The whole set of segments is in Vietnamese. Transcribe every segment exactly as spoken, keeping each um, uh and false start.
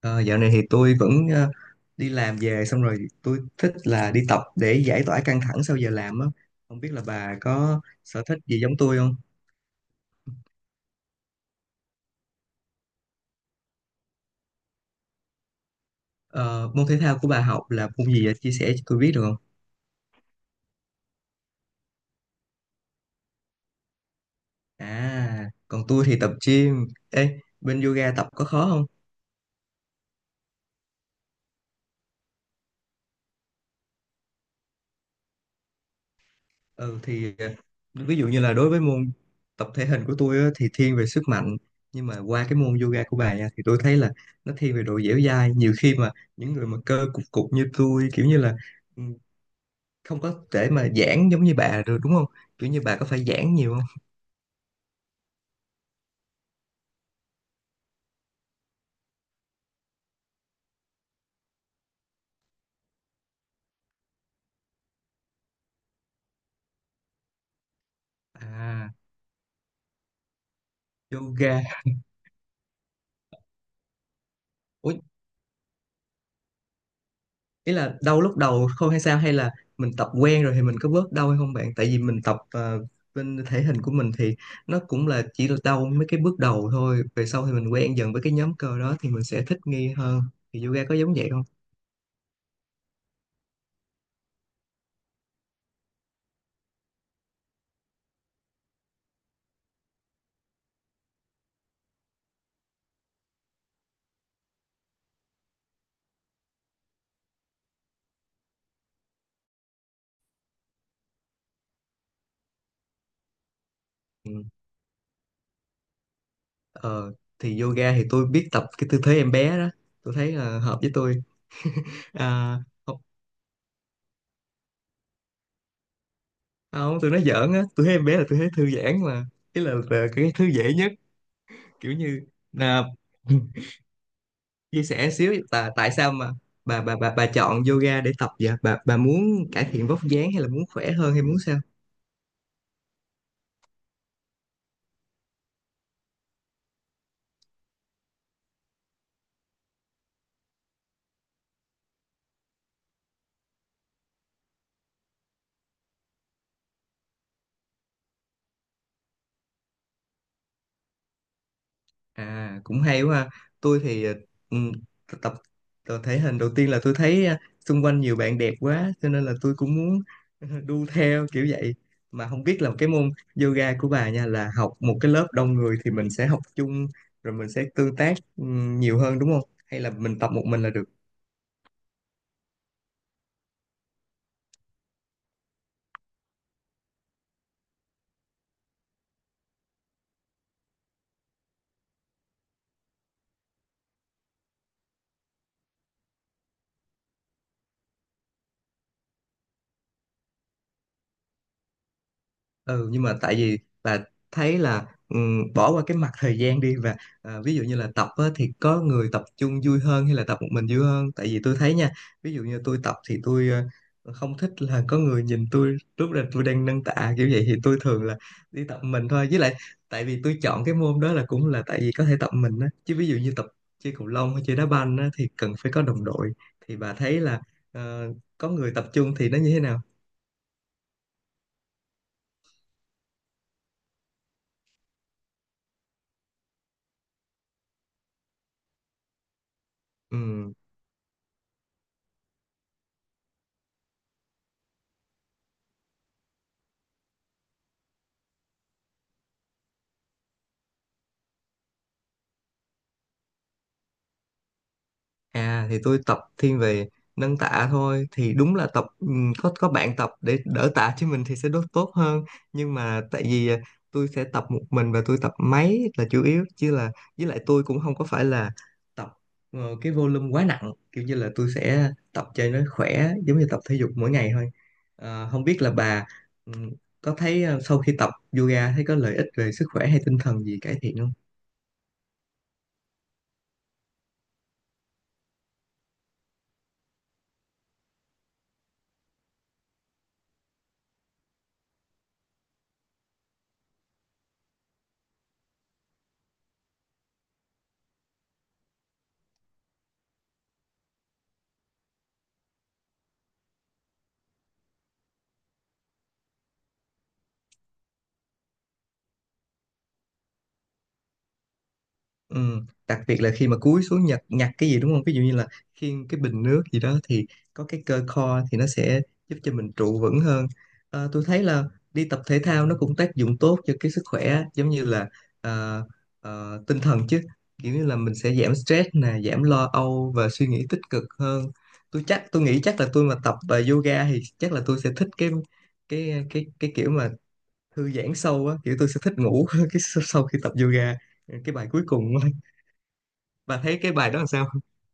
Ờ, Dạo này thì tôi vẫn ờ, đi làm về xong rồi tôi thích là đi tập để giải tỏa căng thẳng sau giờ làm á. Không biết là bà có sở thích gì giống tôi không? Ờ, Môn thể thao của bà học là môn gì vậy? Chia sẻ cho tôi biết được không? À, còn tôi thì tập gym. Ê, bên yoga tập có khó không? Ừ thì ờ, ví dụ như là đối với môn tập thể hình của tôi á, thì thiên về sức mạnh, nhưng mà qua cái môn yoga của bà nha thì tôi thấy là nó thiên về độ dẻo dai. Nhiều khi mà những người mà cơ cục cục như tôi kiểu như là, ừ, không có thể mà giãn giống như bà được, đúng không? Kiểu như bà có phải giãn nhiều không? À, yoga. Ủa, ý là đau lúc đầu không hay sao, hay là mình tập quen rồi thì mình có bớt đau hay không bạn? Tại vì mình tập, ờ, bên thể hình của mình thì nó cũng là chỉ là đau mấy cái bước đầu thôi, về sau thì mình quen dần với cái nhóm cơ đó thì mình sẽ thích nghi hơn. Thì yoga có giống vậy không? Ừ. ờ, thì yoga thì tôi biết tập cái tư thế em bé đó, tôi thấy là hợp với tôi. À, không, tôi nói giỡn á, tôi thấy em bé là tôi thấy thư giãn mà. Ý là, là cái thư dễ nhất, kiểu như là. Chia sẻ xíu, tại tại sao mà bà bà bà bà chọn yoga để tập vậy? Bà bà muốn cải thiện vóc dáng hay là muốn khỏe hơn hay muốn sao? À, cũng hay quá ha. Tôi thì, ừ, tập, tập thể hình đầu tiên là tôi thấy ờ, xung quanh nhiều bạn đẹp quá cho nên là tôi cũng muốn đu theo kiểu vậy. Mà không biết là cái môn yoga của bà nha là học một cái lớp đông người thì mình sẽ học chung, rồi mình sẽ tương tác ừ, nhiều hơn đúng không? Hay là mình tập một mình là được? Ừ, nhưng mà tại vì là thấy là, ừm, bỏ qua cái mặt thời gian đi, và à, ví dụ như là tập á, thì có người tập chung vui hơn hay là tập một mình vui hơn? Tại vì tôi thấy nha, ví dụ như tôi tập thì tôi ờ, không thích là có người nhìn tôi lúc là tôi đang nâng tạ kiểu vậy, thì tôi thường là đi tập mình thôi. Với lại tại vì tôi chọn cái môn đó là cũng là tại vì có thể tập mình á, chứ ví dụ như tập chơi cầu lông hay chơi đá banh á, thì cần phải có đồng đội. Thì bà thấy là ờ, có người tập chung thì nó như thế nào? Ừ. À, thì tôi tập thiên về nâng tạ thôi, thì đúng là tập, ừm, có có bạn tập để đỡ tạ cho mình thì sẽ đốt tốt hơn. Nhưng mà tại vì à, tôi sẽ tập một mình và tôi tập máy là chủ yếu, chứ là với lại tôi cũng không có phải là tập ờ, cái volume quá nặng, kiểu như là tôi sẽ tập cho nó khỏe giống như tập thể dục mỗi ngày thôi. Ờ, không biết là bà, ừm, có thấy ờ, sau khi tập yoga thấy có lợi ích về sức khỏe hay tinh thần gì cải thiện không? Ừ, đặc biệt là khi mà cúi xuống nhặt nhặt cái gì đúng không? Ví dụ như là khiêng cái bình nước gì đó thì có cái cơ core thì nó sẽ giúp cho mình trụ vững hơn. Ờ, tôi thấy là đi tập thể thao nó cũng tác dụng tốt cho cái sức khỏe á, giống như là ờ, ờ, tinh thần chứ. Kiểu như là mình sẽ giảm stress nè, giảm lo âu và suy nghĩ tích cực hơn. Tôi chắc tôi nghĩ chắc là tôi mà tập ờ, yoga thì chắc là tôi sẽ thích cái cái cái cái kiểu mà thư giãn sâu á, kiểu tôi sẽ thích ngủ cái sau sau khi tập yoga, cái bài cuối cùng. Bà thấy cái bài đó làm sao?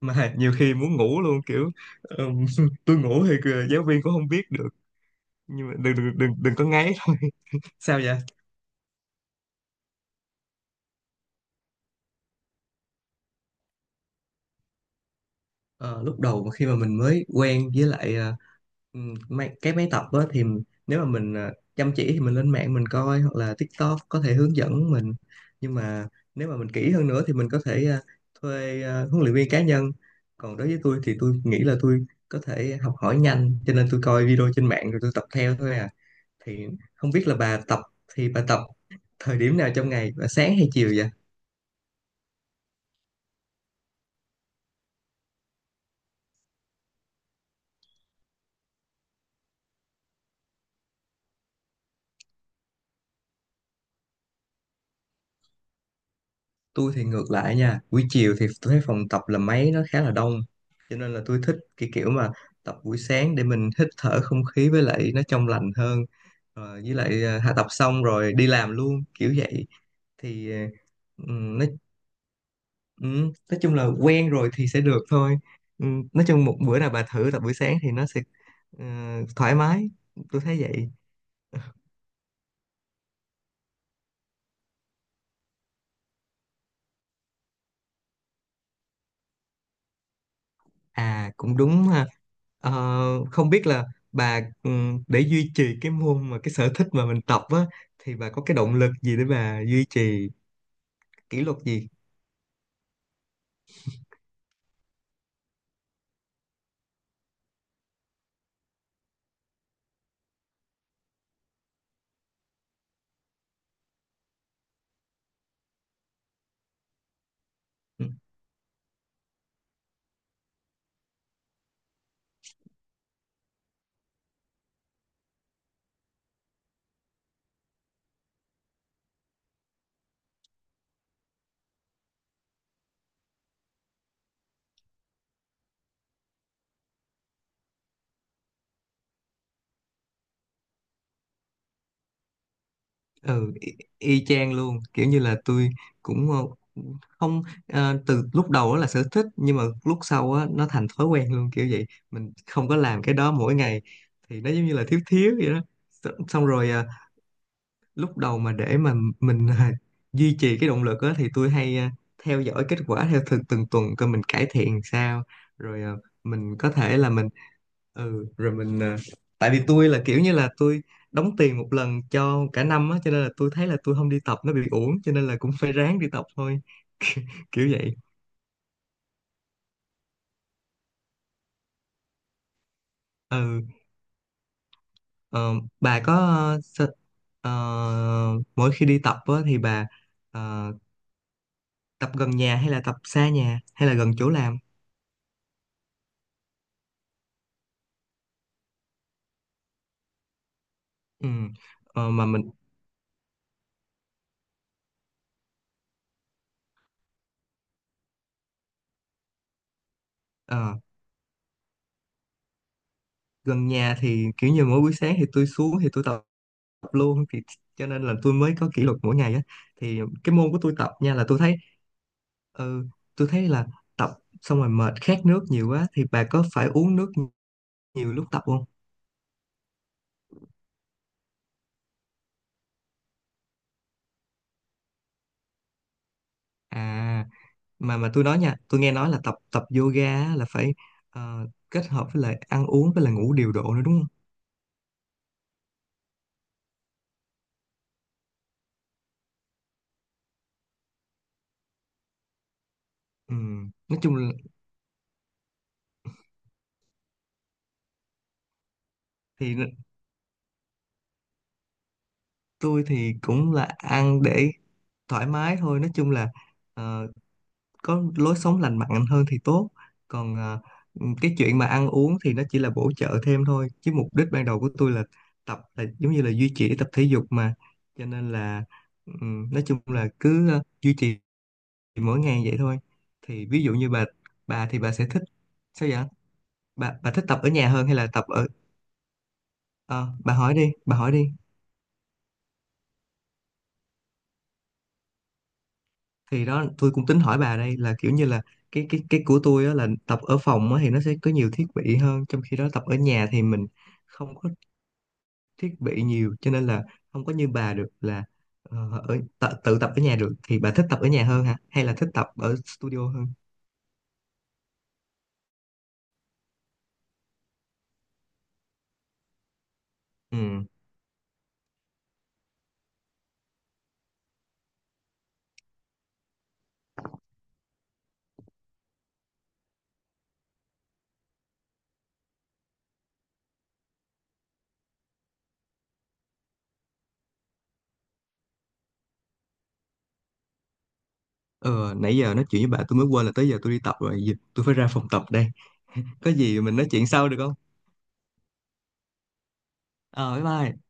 Mà nhiều khi muốn ngủ luôn kiểu, ừm, tôi ngủ thì kìa, giáo viên cũng không biết được. Nhưng mà đừng đừng đừng, đừng có ngáy thôi. Sao vậy? Ờ, lúc đầu mà khi mà mình mới quen với lại, ờ, ừm, máy, cái máy tập á, thì nếu mà mình ờ, chăm chỉ thì mình lên mạng mình coi, hoặc là TikTok có thể hướng dẫn mình. Nhưng mà nếu mà mình kỹ hơn nữa thì mình có thể ờ, thuê ờ, huấn luyện viên cá nhân. Còn đối với tôi thì tôi nghĩ là tôi có thể học hỏi nhanh cho nên tôi coi video trên mạng rồi tôi tập theo thôi. À, thì không biết là bà tập, thì bà tập thời điểm nào trong ngày bà, sáng hay chiều vậy? Tôi thì ngược lại nha, buổi chiều thì tôi thấy phòng tập là máy nó khá là đông, cho nên là tôi thích cái kiểu mà tập buổi sáng để mình hít thở không khí với lại nó trong lành hơn. Ờ, với lại ờ, hạ tập xong rồi đi làm luôn kiểu vậy. Thì ờ, ừm, nói, ừm, nói chung là quen rồi thì sẽ được thôi. Ừm, nói chung một bữa nào bà thử tập buổi sáng thì nó sẽ ờ, thoải mái, tôi thấy vậy. À, cũng đúng ha. Ờ, không biết là bà, ừm, để duy trì cái môn mà cái sở thích mà mình tập á, thì bà có cái động lực gì để bà duy trì kỷ luật gì? Ừ, ừ, y, y chang luôn, kiểu như là tôi cũng ờ, không ờ, từ lúc đầu đó là sở thích nhưng mà lúc sau á nó thành thói quen luôn kiểu vậy. Mình không có làm cái đó mỗi ngày thì nó giống như là thiếu thiếu vậy đó. Xong xong rồi ờ, lúc đầu mà để mà mình à, duy trì cái động lực á, thì tôi hay à, theo dõi kết quả theo từng từng tuần coi mình cải thiện sao, rồi à, mình có thể là mình ừ rồi mình à, tại vì tôi là kiểu như là tôi đóng tiền một lần cho cả năm á, cho nên là tôi thấy là tôi không đi tập nó bị uổng, cho nên là cũng phải ráng đi tập thôi, kiểu vậy. Ừ, ờ, bà có ờ, sợ- ờ, mỗi khi đi tập á thì bà ờ, tập gần nhà hay là tập xa nhà hay là gần chỗ làm? Ừ ờ, mà mình Ờ, gần nhà thì kiểu như mỗi buổi sáng thì tôi xuống thì tôi tập luôn, thì cho nên là tôi mới có kỷ luật mỗi ngày á. Thì cái môn của tôi tập nha là tôi thấy, ừ, tôi thấy là tập xong rồi mệt khát nước nhiều quá thì bà có phải uống nước nhiều lúc tập không? À, mà mà tôi nói nha, tôi nghe nói là tập tập yoga á, là phải ờ, kết hợp với lại ăn uống với lại ngủ điều độ nữa đúng không? Ừ. Nói chung là thì tôi thì cũng là ăn để thoải mái thôi, nói chung là ờ, có lối sống lành mạnh hơn thì tốt. Còn à, cái chuyện mà ăn uống thì nó chỉ là bổ trợ thêm thôi, chứ mục đích ban đầu của tôi là tập là giống như là duy trì tập thể dục mà, cho nên là, ừm, nói chung là cứ ờ, duy trì mỗi ngày vậy thôi. Thì ví dụ như bà bà thì bà sẽ thích, sao vậy, bà bà thích tập ở nhà hơn hay là tập ở, ờ, bà hỏi đi bà hỏi đi. Thì đó tôi cũng tính hỏi bà đây, là kiểu như là cái cái cái của tôi á là tập ở phòng á thì nó sẽ có nhiều thiết bị hơn, trong khi đó tập ở nhà thì mình không có thiết bị nhiều cho nên là không có như bà được là ờ, ở tự, tự tập ở nhà được. Thì bà thích tập ở nhà hơn hả hay là thích tập ở studio hơn? Ừ. Ờ, nãy giờ nói chuyện với bà tôi mới quên là tới giờ tôi đi tập rồi. Giờ tôi phải ra phòng tập đây, có gì mình nói chuyện sau được không? Ờ, bye bye.